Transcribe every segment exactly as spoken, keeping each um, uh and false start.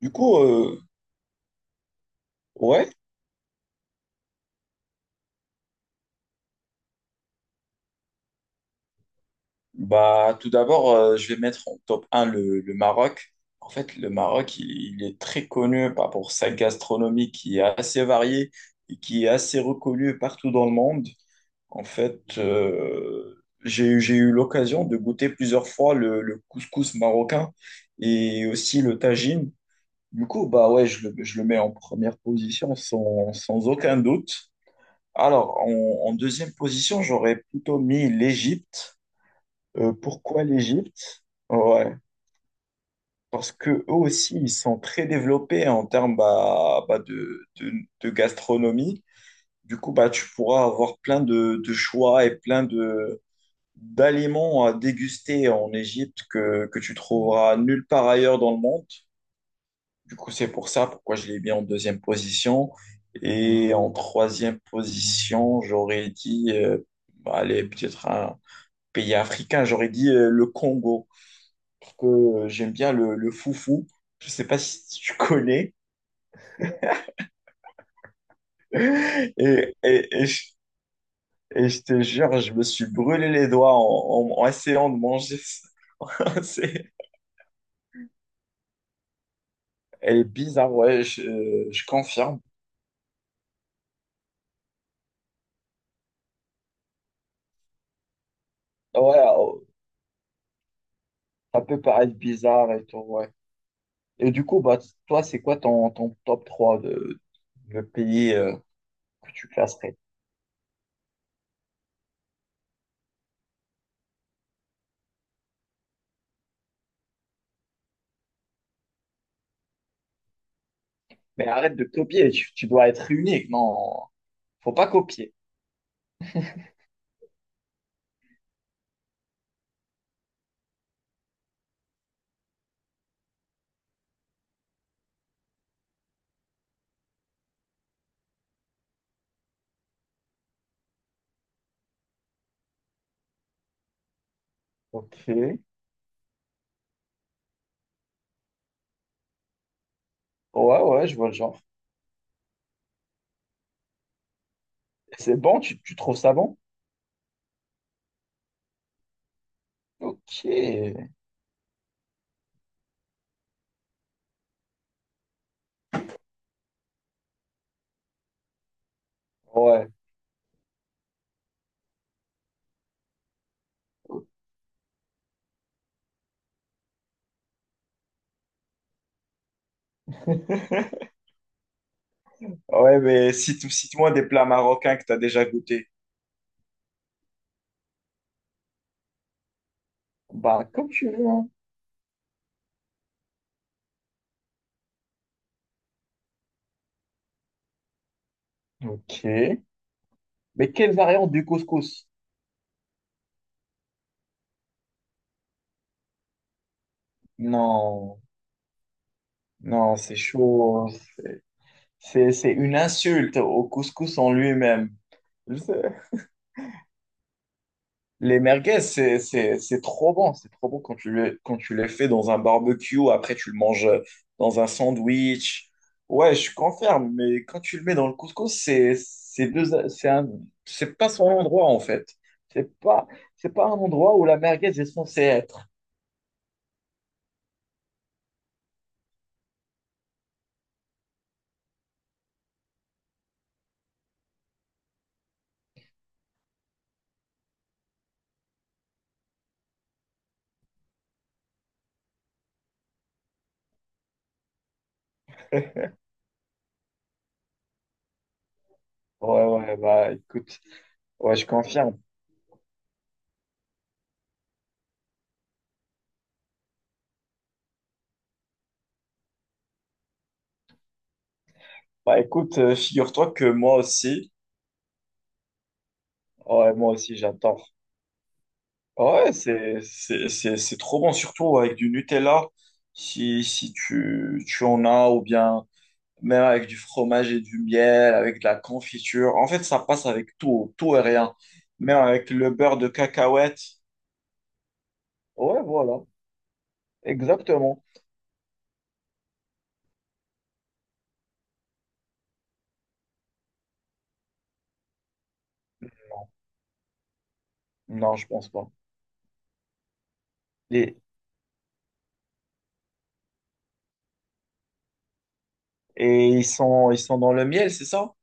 Du coup, euh, ouais, bah tout d'abord, euh, je vais mettre en top un le, le Maroc. En fait, le Maroc, il, il est très connu bah, pour sa gastronomie qui est assez variée et qui est assez reconnue partout dans le monde. En fait, euh, j'ai, eu- j'ai eu l'occasion de goûter plusieurs fois le, le couscous marocain et aussi le tagine. Du coup, bah ouais, je le, je le mets en première position sans, sans aucun doute. Alors, en, en deuxième position, j'aurais plutôt mis l'Égypte. Euh, pourquoi l'Égypte? Ouais, parce que eux aussi, ils sont très développés en termes bah, bah, de, de, de gastronomie. Du coup, bah, tu pourras avoir plein de, de choix et plein de d'aliments à déguster en Égypte que, que tu trouveras nulle part ailleurs dans le monde. Du coup, c'est pour ça pourquoi je l'ai mis en deuxième position. Et en troisième position, j'aurais dit, euh, bah, allez, peut-être un pays africain, j'aurais dit euh, le Congo. Parce que euh, j'aime bien le, le foufou. Je sais pas si tu connais. Et, et, et je, et je te jure, je me suis brûlé les doigts en, en, en essayant de manger ça. C'est- Elle est bizarre, ouais, je, euh, je confirme. Ah ouais, oh, ça peut paraître bizarre et tout, ouais. Et du coup, bah, toi, c'est quoi ton, ton top trois de, de pays euh, que tu classerais? Mais arrête de copier, tu, tu dois être unique, non. Faut pas copier. Ok. Ouais, ouais, je vois le genre. C'est bon, tu, tu trouves ça bon? Ok. Ouais. Ouais, mais cite, cite-moi des plats marocains que tu as déjà goûté. Bah, comme tu veux, hein. Ok. Mais quelle variante du couscous? Non, non, c'est chaud. C'est c'est- c'est une insulte au couscous en lui-même. Les merguez, c'est, c'est, c'est trop bon. C'est trop bon quand tu les, quand tu les fais dans un barbecue. Après, tu le manges euh, dans un sandwich. Ouais, je confirme. Mais quand tu le mets dans le couscous, c'est, c'est deux, c'est un, c'est pas son endroit, en fait. C'est pas, c'est pas un endroit où la merguez est censée être. Ouais, ouais, bah, écoute. Ouais, je confirme. Bah, écoute, euh, figure-toi que moi aussi, ouais, moi aussi, j'adore. Ouais, c'est, c'est, c'est, c'est trop bon, surtout avec du Nutella, si, si tu, tu en as, ou bien même avec du fromage et du miel, avec de la confiture. En fait, ça passe avec tout, tout et rien. Même avec le beurre de cacahuète. Ouais, voilà, exactement. Non, je pense pas. Et, et ils sont, ils sont dans le miel, c'est ça?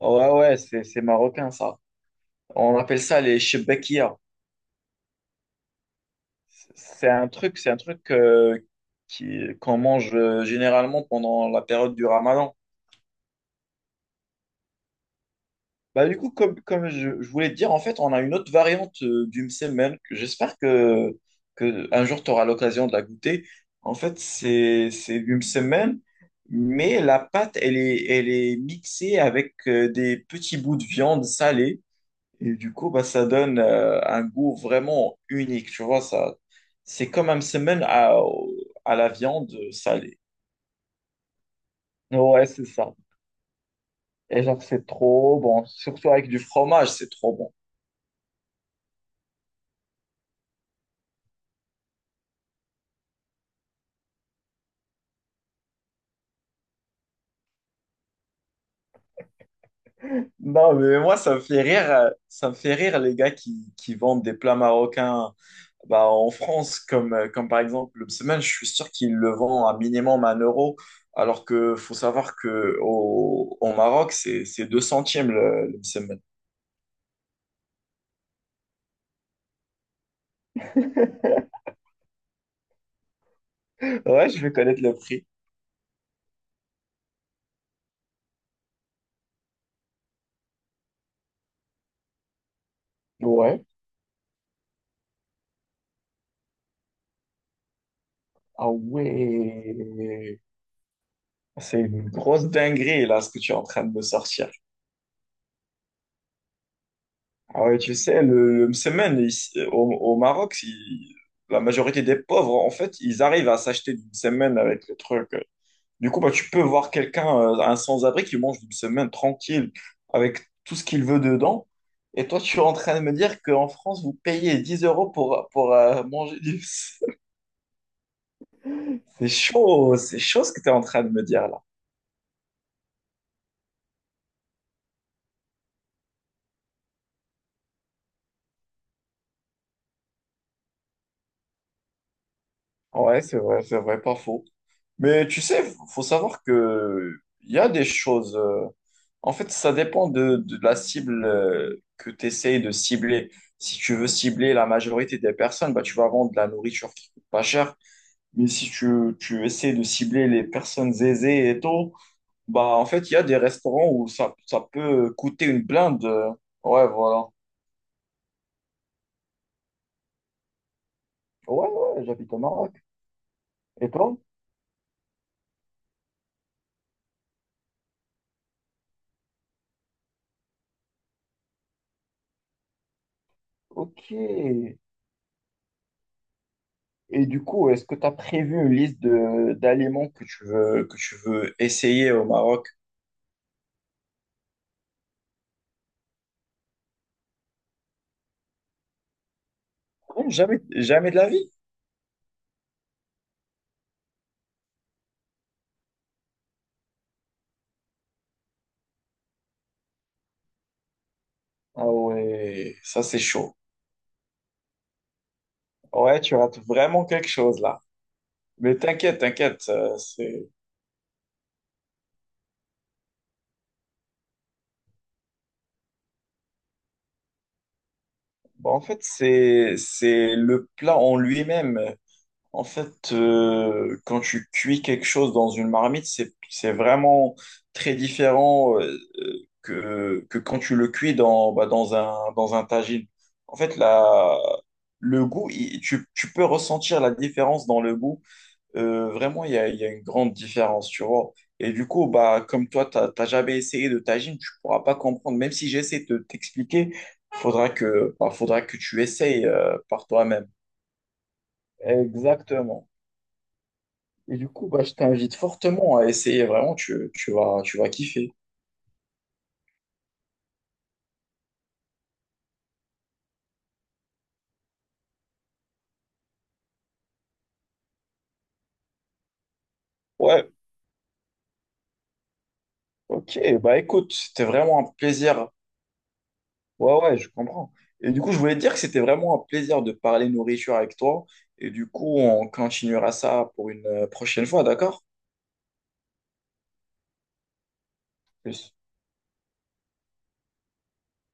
Ouais, ouais, c'est, c'est marocain, ça. On appelle ça les chebekia. C'est un truc, c'est un truc euh, qui qu'on mange euh, généralement pendant la période du Ramadan. Bah du coup, comme, comme je, je voulais te dire, en fait, on a une autre variante euh, du msemen. Que j'espère que, que un jour tu auras l'occasion de la goûter. En fait, c'est c'est du msemen, mais la pâte, elle est elle est mixée avec euh, des petits bouts de viande salée. Et du coup, bah, ça donne euh, un goût vraiment unique, tu vois, ça, c'est comme un semaine à, à la viande salée. Ouais, c'est ça. Et genre, c'est trop bon. Surtout avec du fromage, c'est trop bon. Non, mais moi, ça me fait rire, euh, ça me fait rire les gars qui, qui vendent des plats marocains bah, en France, comme, euh, comme par exemple le semaine, je suis sûr qu'ils le vendent à minimum un euro, alors que faut savoir que au, au Maroc, c'est, c'est deux centimes le, le msemen. Ouais, je vais connaître le prix. Ouais. Ah ouais. C'est une grosse dinguerie, là, ce que tu es en train de me sortir. Ah ouais, tu sais, le, le semaine, ici, au, au Maroc, si- la majorité des pauvres, en fait, ils arrivent à s'acheter une semaine avec le truc. Du coup, bah, tu peux voir quelqu'un, euh, un sans-abri, qui mange une semaine tranquille, avec tout ce qu'il veut dedans. Et toi, tu es en train de me dire qu'en France, vous payez dix euros pour, pour euh, manger du... Msemen. C'est chaud, c'est chaud ce que tu es en train de me dire, là. Ouais, c'est vrai, c'est vrai, pas faux. Mais tu sais, faut savoir que il y a des choses, euh, en fait, ça dépend de, de la cible euh, que tu essayes de cibler. Si tu veux cibler la majorité des personnes, bah, tu vas vendre de la nourriture qui coûte pas cher. Mais si tu, tu essaies de cibler les personnes aisées et tout, bah, en fait, il y a des restaurants où ça, ça peut coûter une blinde, euh. Ouais, voilà. Ouais, ouais, j'habite au Maroc. Et toi? Ok. Et du coup, est-ce que tu as prévu une liste de d'aliments que tu veux que tu veux essayer au Maroc? Non, jamais, jamais de la vie. Ah ouais, ça c'est chaud. Ouais, tu rates vraiment quelque chose là. Mais t'inquiète, t'inquiète, euh, c'est bon, en fait c'est c'est le plat en lui-même. En fait, euh, quand tu cuis quelque chose dans une marmite, c'est, c'est vraiment très différent euh, euh, que, que quand tu le cuis dans, bah, dans un, dans un tagine. En fait, la, le goût, il- tu, tu peux ressentir la différence dans le goût. Euh, vraiment, il y a, il y a une grande différence, tu vois. Et du coup, bah, comme toi, tu n'as jamais essayé de tagine, tu pourras pas comprendre. Même si j'essaie de t'expliquer, faudra que, bah, faudra que tu essayes euh, par toi-même. Exactement. Et du coup, bah, je t'invite fortement à essayer, vraiment, tu, tu vas, tu vas kiffer. Ouais, ok, bah écoute, c'était vraiment un plaisir. Ouais, ouais, je comprends. Et du coup, je voulais te dire que c'était vraiment un plaisir de parler nourriture avec toi. Et du coup, on continuera ça pour une euh, prochaine fois, d'accord?